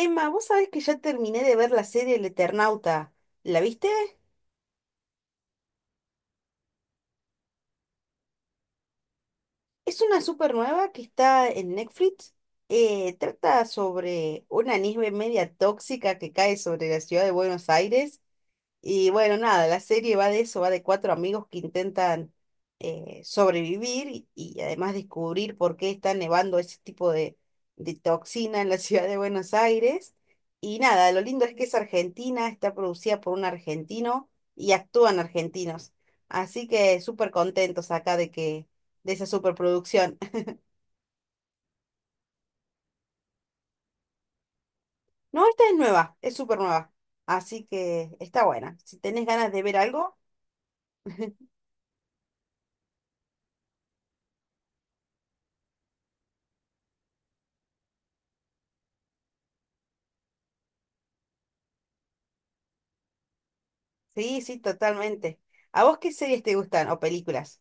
Emma, vos sabés que ya terminé de ver la serie El Eternauta. ¿La viste? Es una super nueva que está en Netflix. Trata sobre una nieve media tóxica que cae sobre la ciudad de Buenos Aires. Y bueno, nada, la serie va de eso, va de cuatro amigos que intentan sobrevivir y además descubrir por qué está nevando ese tipo de toxina en la ciudad de Buenos Aires. Y nada, lo lindo es que es argentina, está producida por un argentino y actúan argentinos. Así que súper contentos acá de que, de esa superproducción. No, esta es nueva, es súper nueva. Así que está buena. Si tenés ganas de ver algo, sí, sí, totalmente. ¿A vos qué series te gustan o películas?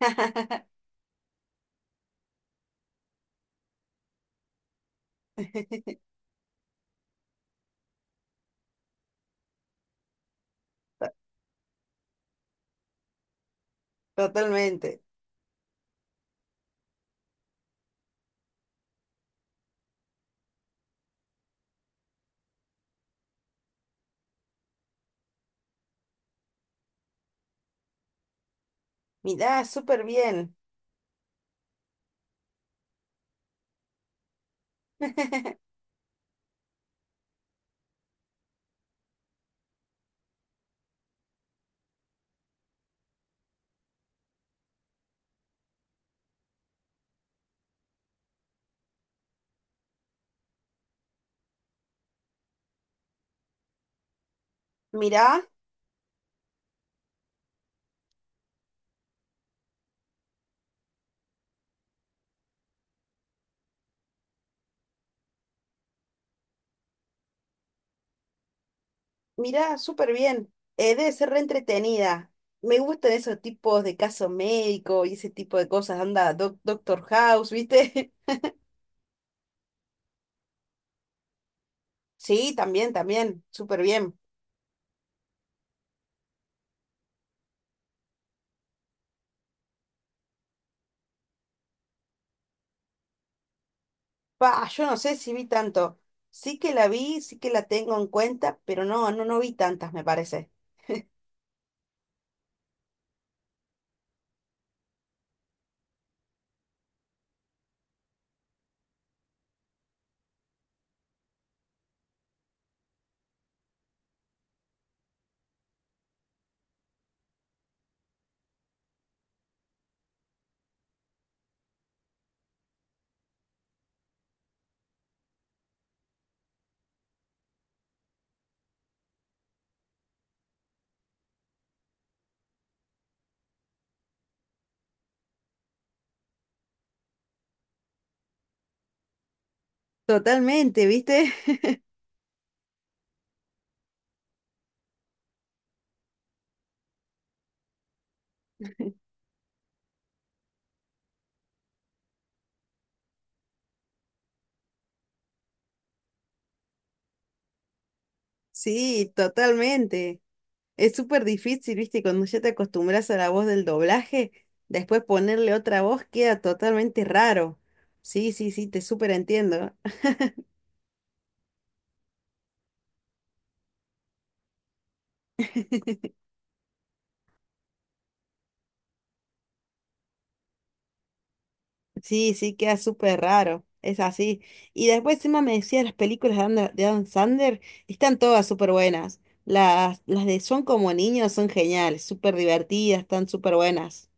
To- Totalmente. Mirá, súper bien. Mirá, Mirá, súper bien. Debe ser re entretenida. Me gustan esos tipos de caso médico y ese tipo de cosas. Anda, Doctor House, ¿viste? Sí, también, también, súper bien. Pa, yo no sé si vi tanto. Sí que la vi, sí que la tengo en cuenta, pero no, no, no vi tantas, me parece. Totalmente, ¿viste? Sí, totalmente. Es súper difícil, viste, y cuando ya te acostumbras a la voz del doblaje, después ponerle otra voz queda totalmente raro. Sí, sí, sí, te súper entiendo. Sí, sí, queda súper raro. Es así. Y después encima me decía las películas de de Adam Sandler, están todas súper buenas. Las de Son como niños son geniales, súper divertidas, están súper buenas.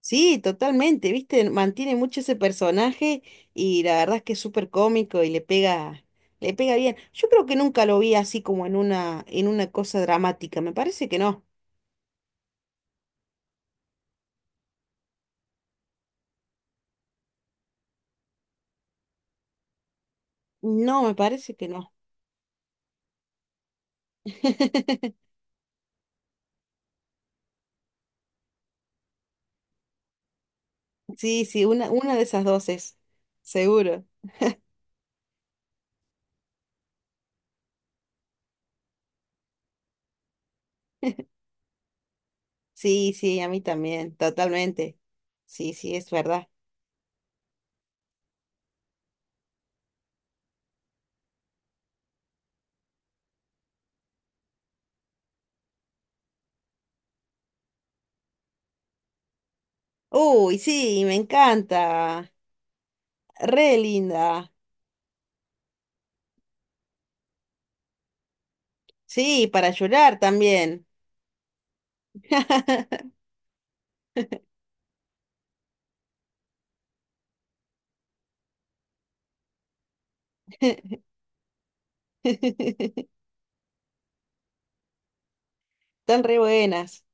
Sí, totalmente, ¿viste? Mantiene mucho ese personaje y la verdad es que es súper cómico y le pega bien. Yo creo que nunca lo vi así como en una cosa dramática, me parece que no. No, me parece que no. Sí, sí, una de esas dos es, seguro. Sí, sí, a mí también, totalmente. Sí, sí, es verdad. Uy, sí, me encanta. Re linda. Sí, para llorar también. Están re buenas.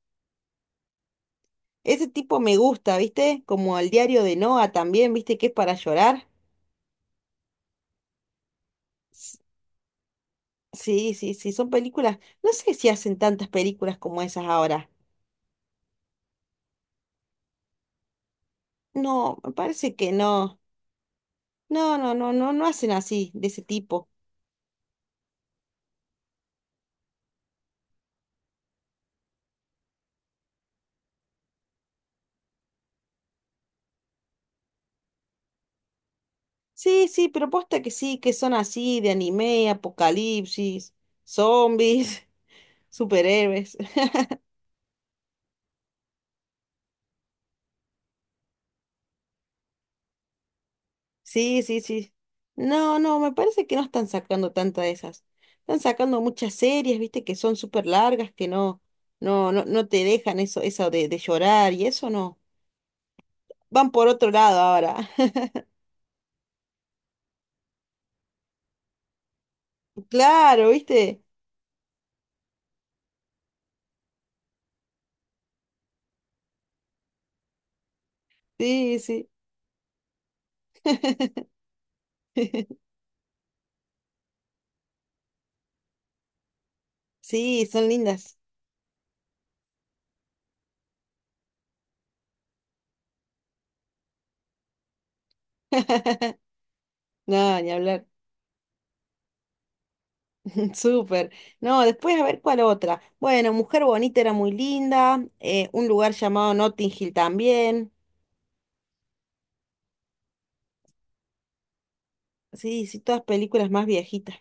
Ese tipo me gusta, ¿viste? Como el diario de Noah también, ¿viste? Que es para llorar. S- Sí, sí, sí, son películas. No sé si hacen tantas películas como esas ahora. No, me parece que no. No, no, no, no, no hacen así, de ese tipo. Sí, sí, pero posta que sí, que son así, de anime, apocalipsis, zombies, superhéroes. Sí, sí, sí. No, no, me parece que no están sacando tantas de esas. Están sacando muchas series, viste, que son súper largas, que no, no, no, no te dejan eso, eso de llorar y eso no. Van por otro lado ahora. Claro, viste. Sí, sí. Sí, son lindas. No, ni hablar. Súper. No, después a ver cuál otra. Bueno, Mujer Bonita era muy linda. Un lugar llamado Notting Hill también. Sí, sí, todas películas más viejitas.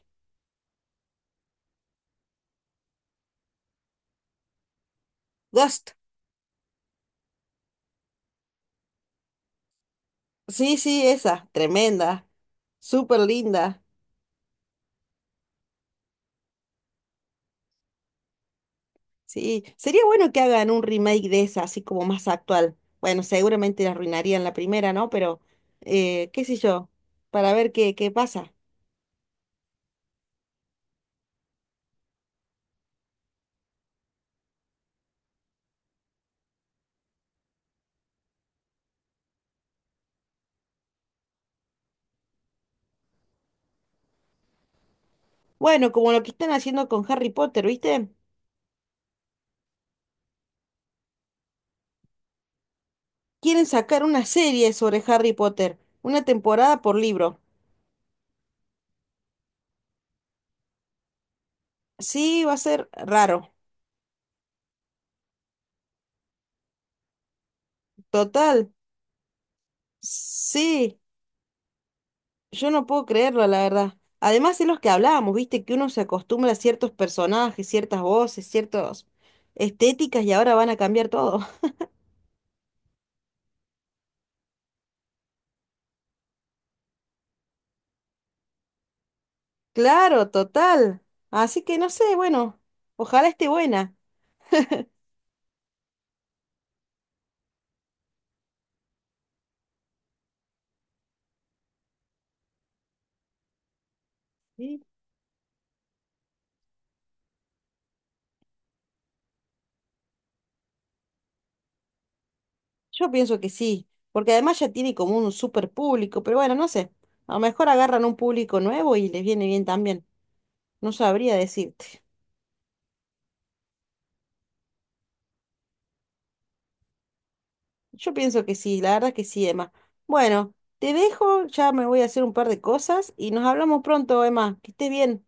Ghost. Sí, sí, esa, tremenda, súper linda. Sí, sería bueno que hagan un remake de esa, así como más actual. Bueno, seguramente la arruinarían la primera, ¿no? Pero, qué sé yo, para ver qué, qué pasa. Bueno, como lo que están haciendo con Harry Potter, ¿viste? Quieren sacar una serie sobre Harry Potter, una temporada por libro. Sí, va a ser raro. Total. Sí. Yo no puedo creerlo, la verdad. Además, es los que hablábamos, viste, que uno se acostumbra a ciertos personajes, ciertas voces, ciertas estéticas y ahora van a cambiar todo. Claro, total. Así que no sé, bueno, ojalá esté buena. Sí. Yo pienso que sí, porque además ya tiene como un super público, pero bueno, no sé. A lo mejor agarran un público nuevo y les viene bien también. No sabría decirte. Yo pienso que sí, la verdad que sí, Emma. Bueno, te dejo, ya me voy a hacer un par de cosas y nos hablamos pronto, Emma. Que estés bien.